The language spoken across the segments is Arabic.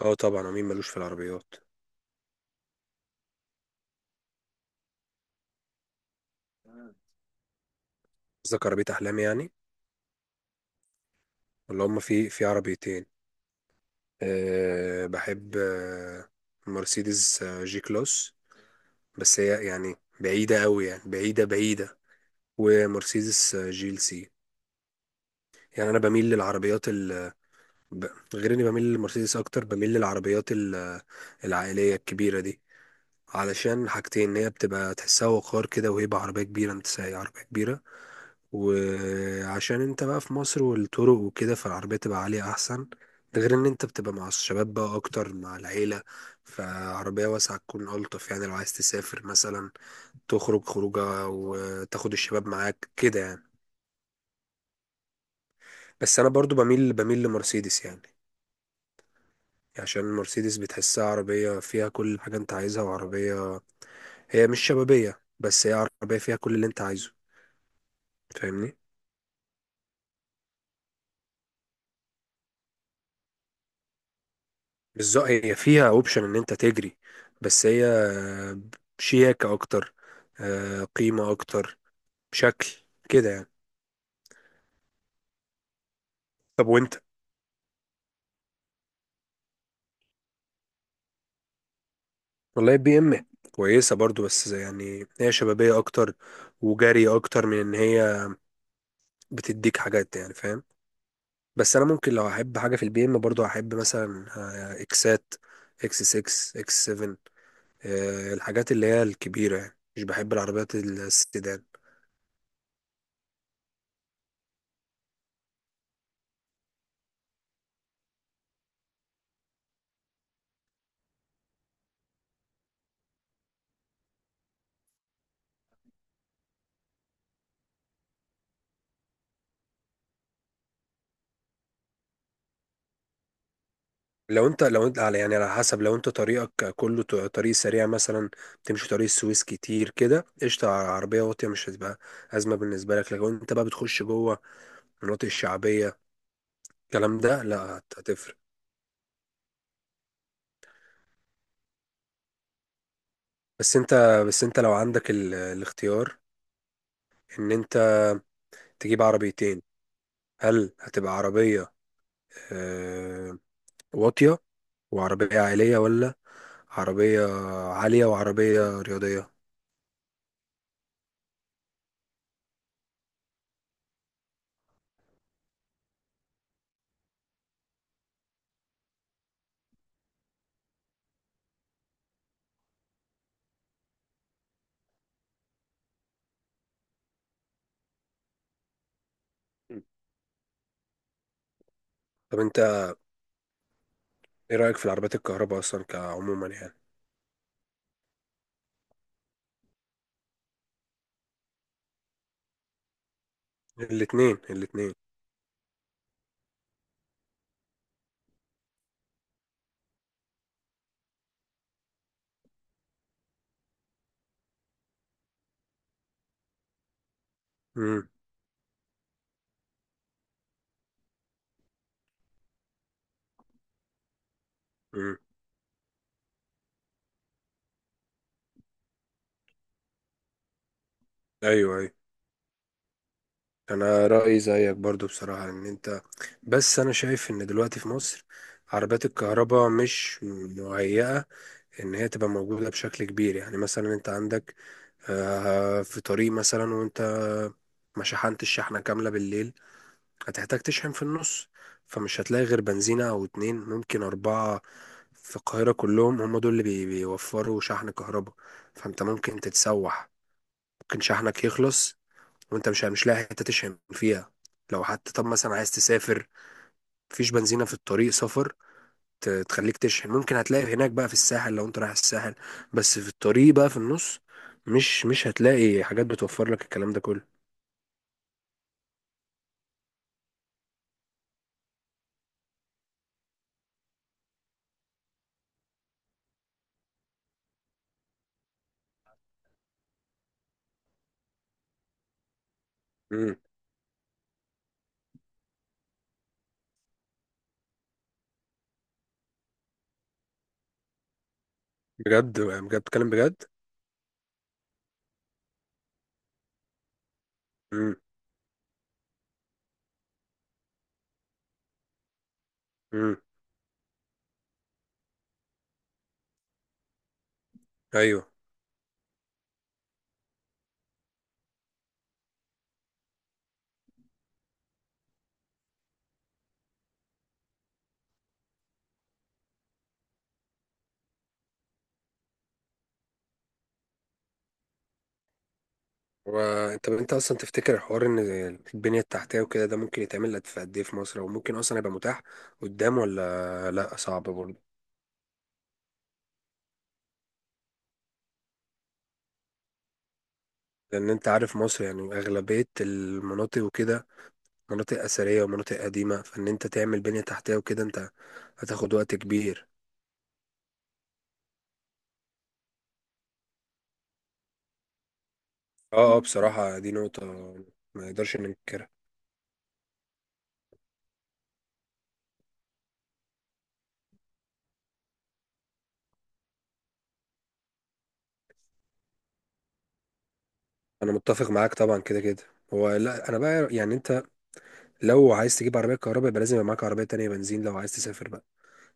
اه طبعا، ومين ملوش في العربيات؟ قصدك عربية أحلام يعني. ولا هما في عربيتين. أه بحب مرسيدس، جي كلاس. بس هي يعني بعيدة أوي، يعني بعيدة بعيدة. ومرسيدس، جيل سي. يعني أنا بميل للعربيات، ب- غير اني بميل للمرسيدس اكتر، بميل للعربيات العائليه الكبيره دي، علشان حاجتين: ان هي بتبقى تحسها وقار كده وهيبة عربيه كبيره، انت سايق عربيه كبيره. وعشان انت بقى في مصر والطرق وكده، فالعربية تبقى عالية احسن. ده غير ان انت بتبقى مع الشباب بقى اكتر، مع العيلة، فعربية واسعة تكون الطف. يعني لو عايز تسافر مثلا، تخرج خروجة وتاخد الشباب معاك كده يعني. بس انا برضو بميل لمرسيدس يعني، عشان المرسيدس بتحسها عربية فيها كل حاجة انت عايزها، وعربية هي مش شبابية بس هي عربية فيها كل اللي انت عايزه. فاهمني. بالظبط، هي فيها اوبشن ان انت تجري، بس هي شياكة اكتر، قيمة اكتر، شكل كده يعني. طب وانت؟ والله بي ام كويسة برضو، بس يعني هي شبابية اكتر وجري اكتر، من ان هي بتديك حاجات يعني، فاهم؟ بس انا ممكن لو هحب حاجه في البي ام برضو، هحب مثلا اكسات، اكس 6، اكس 7، الحاجات اللي هي الكبيره يعني. مش بحب العربيات السيدان. لو انت على، يعني على حسب، لو انت طريقك كله طريق سريع مثلا، تمشي طريق السويس كتير كده، قشطة، عربية واطية مش هتبقى أزمة بالنسبة لك. لكن لو انت بقى بتخش جوه المناطق الشعبية، الكلام ده لا، هتفرق. بس انت بس انت لو عندك الاختيار ان انت تجيب عربيتين، هل هتبقى عربية آه، واطية وعربية عائلية، ولا عربية عالية وعربية رياضية؟ مم. طب انت ايه رأيك في العربيات الكهرباء اصلا، كعموما يعني؟ الاتنين الاتنين. امم. امم. ايوه ايوه. انا رأيي زيك برضو بصراحة، ان انت، بس انا شايف ان دلوقتي في مصر عربيات الكهرباء مش مهيئة ان هي تبقى موجودة بشكل كبير. يعني مثلا انت عندك في طريق مثلا، وانت ما شحنتش شحنة كاملة بالليل، هتحتاج تشحن في النص، فمش هتلاقي غير بنزينة أو اتنين، ممكن أربعة في القاهرة كلهم هم دول اللي بيوفروا شحن كهرباء. فأنت ممكن تتسوح، ممكن شحنك يخلص وأنت مش لاقي حتة تشحن فيها. لو حتى طب مثلا عايز تسافر، مفيش بنزينة في الطريق سفر تخليك تشحن. ممكن هتلاقي هناك بقى في الساحل لو أنت رايح الساحل، بس في الطريق بقى في النص، مش هتلاقي حاجات بتوفر لك الكلام ده كله. امم. بجد بجد، بتكلم بجد. امم. امم. ايوه. و- طب انت اصلا تفتكر حوار ان البنية التحتية وكده، ده ممكن يتعمل لك في قد ايه في مصر؟ وممكن اصلا يبقى متاح قدام، ولا لا، صعب برضه؟ لان انت عارف مصر يعني، اغلبية المناطق وكده مناطق اثرية ومناطق قديمة، فان انت تعمل بنية تحتية وكده، انت هتاخد وقت كبير. اه اه، بصراحة دي نقطة ما يقدرش ننكرها. انا متفق معاك طبعا، كده كده. هو لا، انا بقى يعني انت لو عايز تجيب عربية كهرباء، يبقى لازم يبقى معاك عربية تانية بنزين، لو عايز تسافر بقى.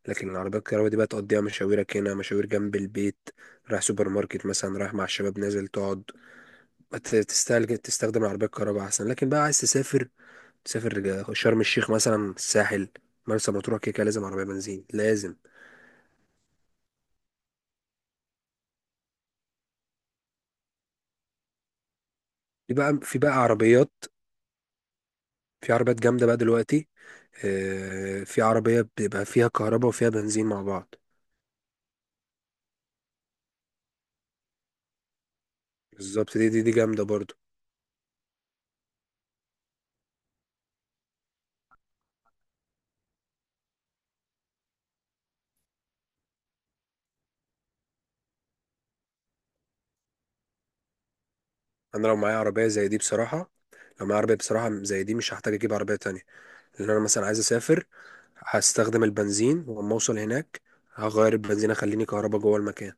لكن العربيات الكهرباء دي بقى، تقضيها مشاويرك هنا، مشاوير جنب البيت، رايح سوبر ماركت مثلا، رايح مع الشباب نازل تقعد. تستهلك تستخدم العربية الكهرباء أحسن. لكن بقى عايز تسافر، تسافر شرم الشيخ مثلا، الساحل، مرسى مطروح، كده كده لازم عربية بنزين، لازم. في بقى عربيات، في عربيات جامدة بقى دلوقتي، في عربية بيبقى فيها كهرباء وفيها بنزين مع بعض. بالظبط، دي جامدة برضو. أنا لو معايا عربية زي دي بصراحة، لو معايا عربية بصراحة زي دي، مش هحتاج أجيب عربية تانية. لأن أنا مثلا عايز أسافر، هستخدم البنزين، ولما اوصل هناك هغير البنزين، اخليني كهربا جوه المكان.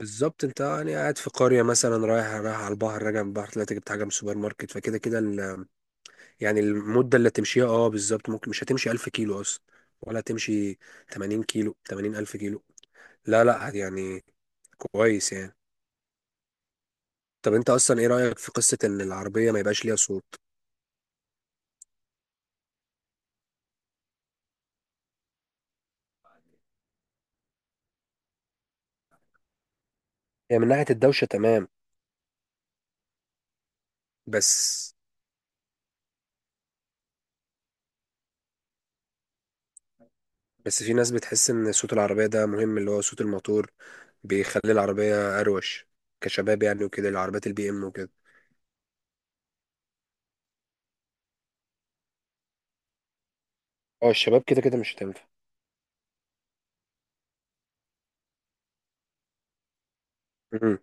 بالظبط، انت يعني قاعد في قرية مثلا، رايح على البحر، راجع من البحر، طلعت جبت حاجة من السوبر ماركت، فكده كده يعني المدة اللي تمشيها، اه بالظبط، ممكن مش هتمشي 1000 كيلو اصلا، ولا تمشي 80 كيلو، 80 ألف كيلو، لا لا يعني، كويس يعني. طب انت اصلا ايه رأيك في قصة ان العربية ما يبقاش ليها صوت؟ هي من ناحية الدوشة تمام، بس، بس في ناس بتحس ان صوت العربية ده مهم، اللي هو صوت الموتور، بيخلي العربية أروش كشباب يعني، وكده العربيات البي إم وكده. اه الشباب كده كده مش هتنفع. امم.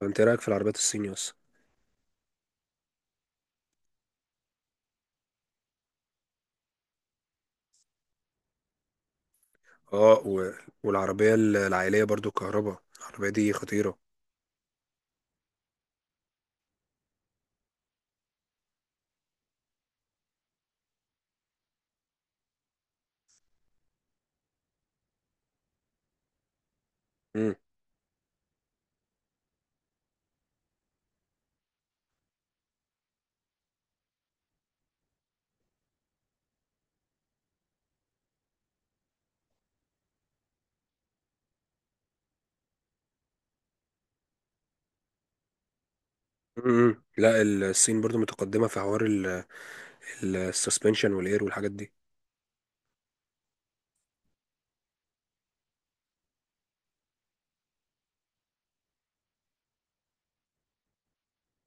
فأنت إيه رأيك في العربيات الصيني أصلا؟ اه، و... والعربية العائلية برضو كهرباء، العربية دي خطيرة. امم. امم. لا الصين برضو متقدمة في حوار ال... السسبنشن والإير والحاجات دي.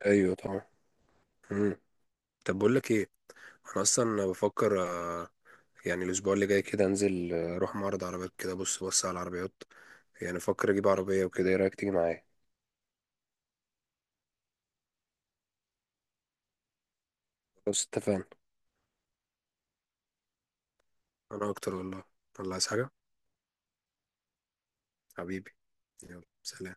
أيوة طبعا. امم. طب بقول لك إيه؟ أنا أصلا بفكر، يعني الأسبوع اللي جاي كده، أنزل أروح معرض عربيات كده، بص على العربيات، يعني بفكر أجيب عربية وكده. إيه رأيك تيجي معايا؟ بص، اتفقنا. انا اكتر والله. الله، عايز حاجة؟ حبيبي. يلا سلام.